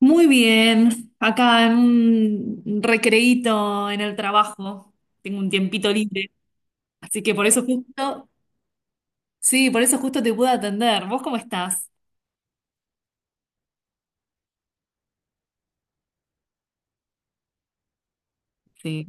Muy bien, acá en un recreíto en el trabajo, tengo un tiempito libre, así que por eso justo, sí, por eso justo te pude atender. ¿Vos cómo estás? Sí.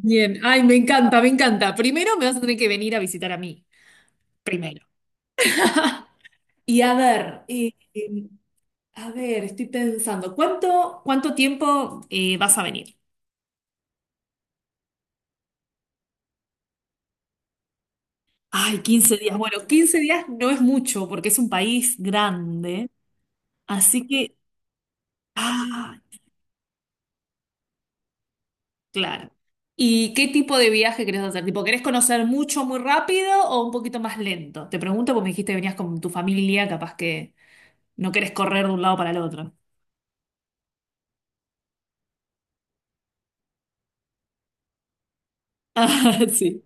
Bien, ay, me encanta, me encanta. Primero me vas a tener que venir a visitar a mí, primero. Y a ver, estoy pensando, ¿cuánto tiempo vas a venir? Ay, 15 días. Bueno, 15 días no es mucho porque es un país grande, así que... Ah. Claro. ¿Y qué tipo de viaje querés hacer? ¿Tipo, querés conocer mucho muy rápido o un poquito más lento? Te pregunto porque me dijiste que venías con tu familia, capaz que no querés correr de un lado para el otro. Ah, sí.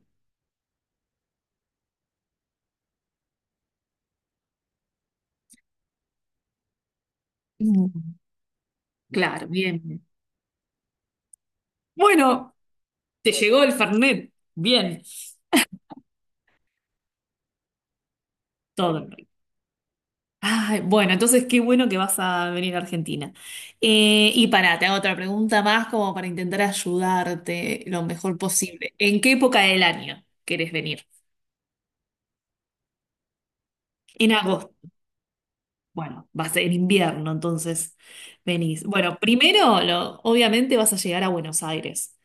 Mm. Claro, bien. Bien. Bueno, te llegó el Fernet. Bien, todo en orden. Ay, bueno, entonces qué bueno que vas a venir a Argentina. Te hago otra pregunta más como para intentar ayudarte lo mejor posible. ¿En qué época del año querés venir? En agosto. Bueno, va a ser en invierno, entonces venís. Bueno, primero, obviamente vas a llegar a Buenos Aires.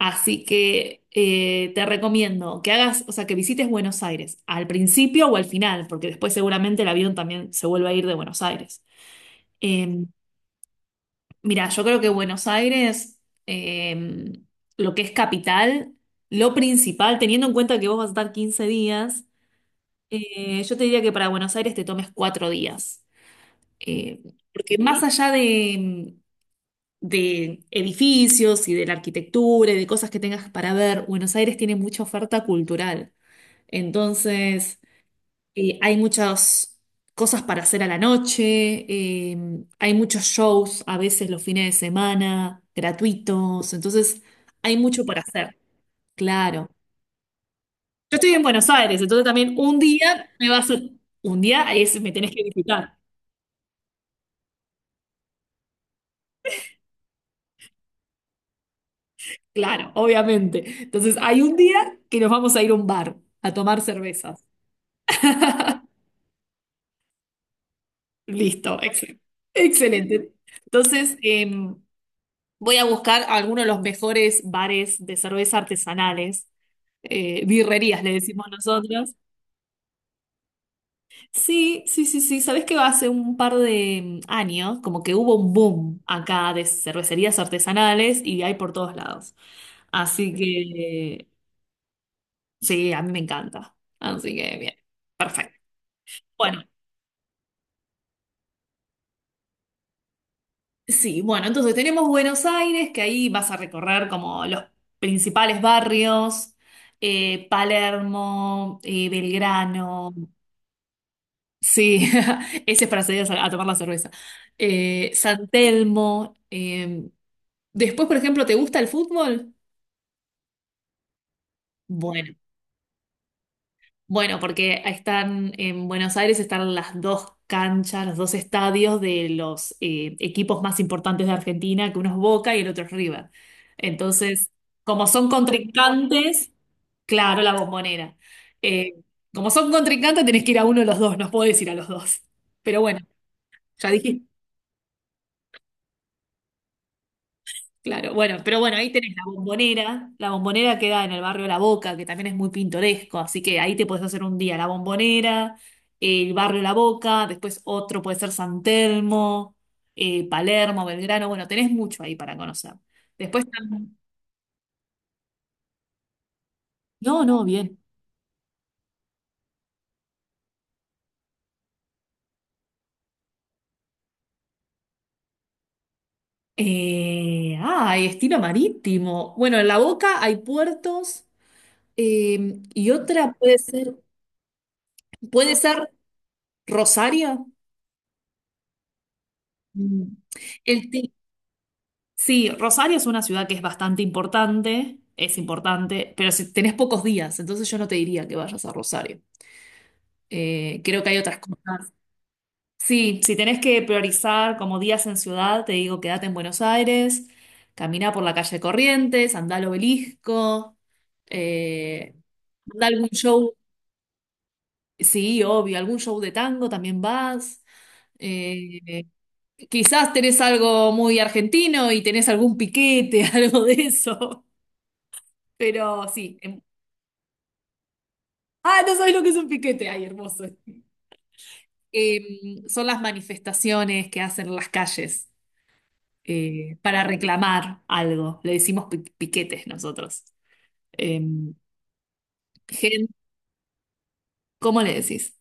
Así que te recomiendo que hagas, o sea, que visites Buenos Aires al principio o al final, porque después seguramente el avión también se vuelve a ir de Buenos Aires. Eh, mira, yo creo que Buenos Aires, eh, lo que es capital, lo principal, teniendo en cuenta que vos vas a estar 15 días, yo te diría que para Buenos Aires te tomes 4 días, Eh, porque más allá de edificios y de la arquitectura y de cosas que tengas para ver, Buenos Aires tiene mucha oferta cultural. Entonces, hay muchas cosas para hacer a la noche, eh, hay muchos shows a veces los fines de semana, gratuitos. Entonces, hay mucho para hacer, claro. Yo estoy en Buenos Aires, entonces también un día me vas a... Un día es, me tenés que visitar. Claro, obviamente. Entonces, hay un día que nos vamos a ir a un bar a tomar cervezas. Listo, excelente. Entonces, voy a buscar algunos de los mejores bares de cerveza artesanales, birrerías le decimos nosotros. Sí, sí, sí, sí. Sabés que hace un par de años, como que hubo un boom acá de cervecerías artesanales y hay por todos lados. Así que, eh, sí, a mí me encanta. Así que, bien, perfecto. Bueno, sí, bueno, entonces tenemos Buenos Aires, que ahí vas a recorrer como los principales barrios, Palermo, Belgrano, sí, ese es para salir a tomar la cerveza, San Telmo, después, por ejemplo, ¿te gusta el fútbol? Bueno. Bueno, porque están en Buenos Aires están las dos canchas, los dos estadios de los equipos más importantes de Argentina, que uno es Boca y el otro es River. Entonces, como son contrincantes. Claro, la Bombonera. Eh, Como son contrincantes, tenés que ir a uno de los dos, no podés ir a los dos. Pero bueno, ya dijiste. Claro, bueno, pero bueno, ahí tenés la Bombonera. La Bombonera queda en el barrio La Boca, que también es muy pintoresco, así que ahí te puedes hacer un día la Bombonera, el barrio La Boca, después otro puede ser San Telmo, Palermo, Belgrano, bueno, tenés mucho ahí para conocer. Después tam- No, no, bien. Ah, hay estilo marítimo. Bueno, en La Boca hay puertos y otra puede ser Rosario. Mm. El, Sí, Rosario es una ciudad que es bastante importante, es importante, pero si tenés pocos días, entonces yo no te diría que vayas a Rosario. Creo que hay otras cosas. Sí, si tenés que priorizar como días en ciudad, te digo quédate en Buenos Aires, camina por la calle Corrientes, andá al Obelisco, eh, andá a algún show, sí, obvio, algún show de tango también vas. eh, Quizás tenés algo muy argentino y tenés algún piquete, algo de eso. Pero sí. Ah, no sabes lo que es un piquete. Ay, hermoso. Son las manifestaciones que hacen en las calles para reclamar algo. Le decimos piquetes nosotros. Eh, gen- ¿Cómo le decís?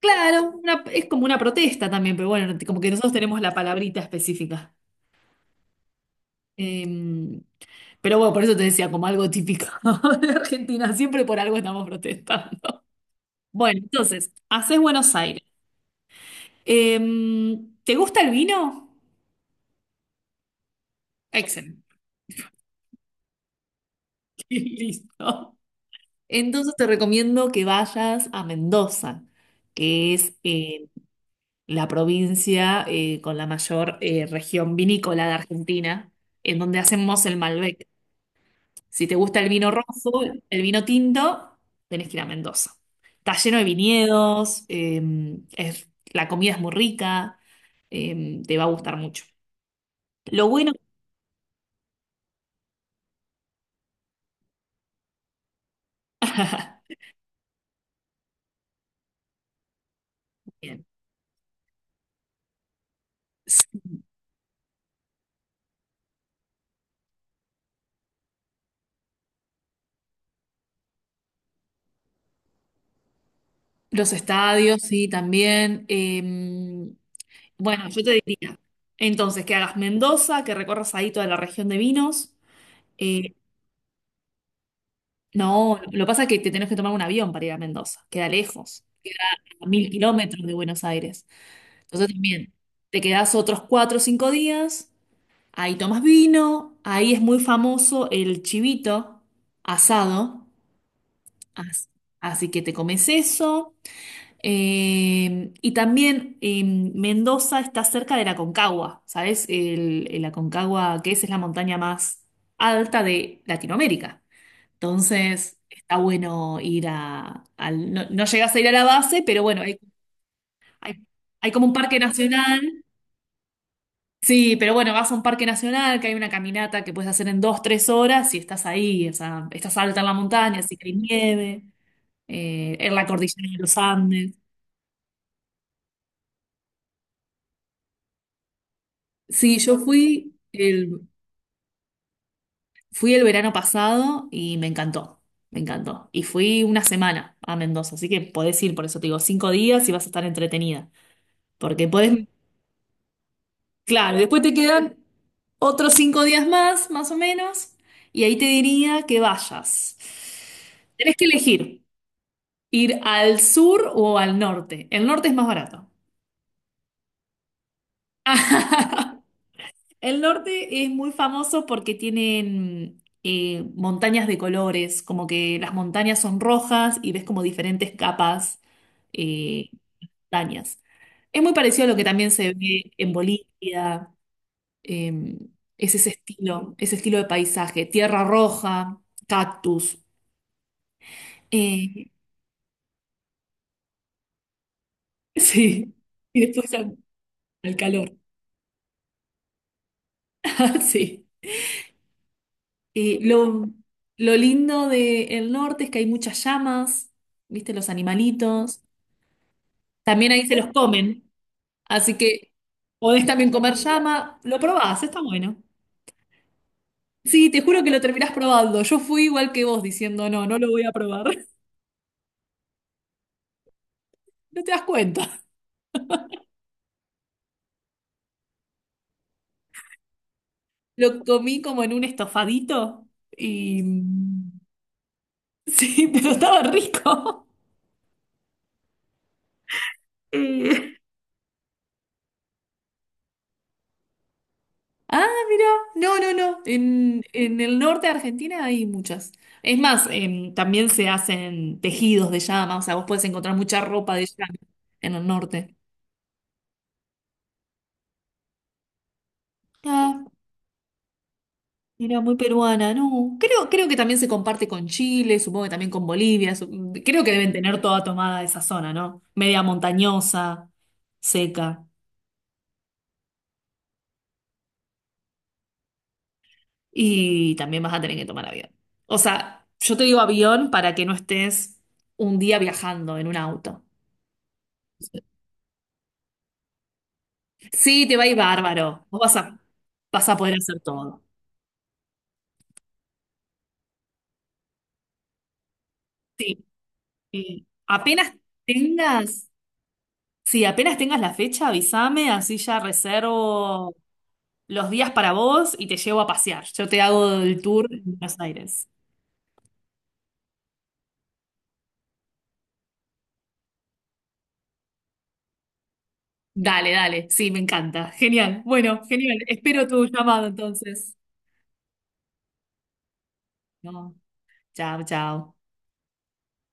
Claro, es como una protesta también, pero bueno, como que nosotros tenemos la palabrita específica. Eh, pero bueno, por eso te decía, como algo típico de Argentina, siempre por algo estamos protestando. Bueno, entonces, haces Buenos Aires. Eh, ¿Te gusta el vino? Excelente. Listo. Entonces te recomiendo que vayas a Mendoza, que es la provincia con la mayor región vinícola de Argentina, en donde hacemos el Malbec. Si te gusta el vino rojo, el vino tinto, tenés que ir a Mendoza. Está lleno de viñedos, la comida es muy rica, te va a gustar mucho. Lo bueno... Bien. Los estadios, sí, también. Bueno, yo te diría, entonces, que hagas Mendoza, que recorras ahí toda la región de vinos. Eh, no, lo que pasa es que te tenés que tomar un avión para ir a Mendoza, queda lejos, queda a 1.000 kilómetros de Buenos Aires. Entonces también, te quedás otros 4 o 5 días, ahí tomas vino, ahí es muy famoso el chivito asado, as- así que te comes eso. Y también Mendoza está cerca de la Aconcagua, ¿sabes? El Aconcagua, que es la montaña más alta de Latinoamérica. Entonces, está bueno ir a... No, no llegas a ir a la base, pero bueno, hay, hay como un parque nacional. Sí, pero bueno, vas a un parque nacional, que hay una caminata que puedes hacer en 2, 3 horas y estás ahí, o sea, estás alta en la montaña, así que hay nieve, en la cordillera de los Andes. Sí, fui el verano pasado y me encantó, me encantó. Y fui una semana a Mendoza, así que podés ir, por eso te digo, 5 días y vas a estar entretenida. Porque podés, claro, después te quedan otros 5 días más, más o menos, y ahí te diría que vayas. Tenés que elegir ir al sur o al norte. El norte es más barato. El norte es muy famoso porque tienen montañas de colores, como que las montañas son rojas y ves como diferentes capas eh, montañas. Es muy parecido a lo que también se ve en Bolivia, eh, es ese estilo de paisaje, tierra roja, cactus. eh, sí, y después al calor. Sí. Eh, lo, lo lindo del norte es que hay muchas llamas, viste, los animalitos. También ahí se los comen, así que podés también comer llama. Lo probás, está bueno. Sí, te juro que lo terminás probando. Yo fui igual que vos diciendo, no, no lo voy a probar. No te das cuenta. Lo comí como en un estofadito y... Sí, pero estaba rico. Eh, Ah, mira, no, no, no. En el norte de Argentina hay muchas. Es más, también se hacen tejidos de llama, o sea, vos podés encontrar mucha ropa de llama en el norte. Ah, era muy peruana, no. Creo que también se comparte con Chile, supongo que también con Bolivia. Creo que deben tener toda tomada esa zona, ¿no? Media montañosa, seca. Y también vas a tener que tomar avión. O sea, yo te digo avión para que no estés un día viajando en un auto. Sí, te va a ir bárbaro. Vos vas a poder hacer todo. Sí. Y apenas tengas, sí, apenas tengas la fecha, avísame, así ya reservo los días para vos y te llevo a pasear. Yo te hago el tour en Buenos Aires. Dale, dale, sí, me encanta. Genial. Bueno, genial. Espero tu llamado entonces. No, chao, chao.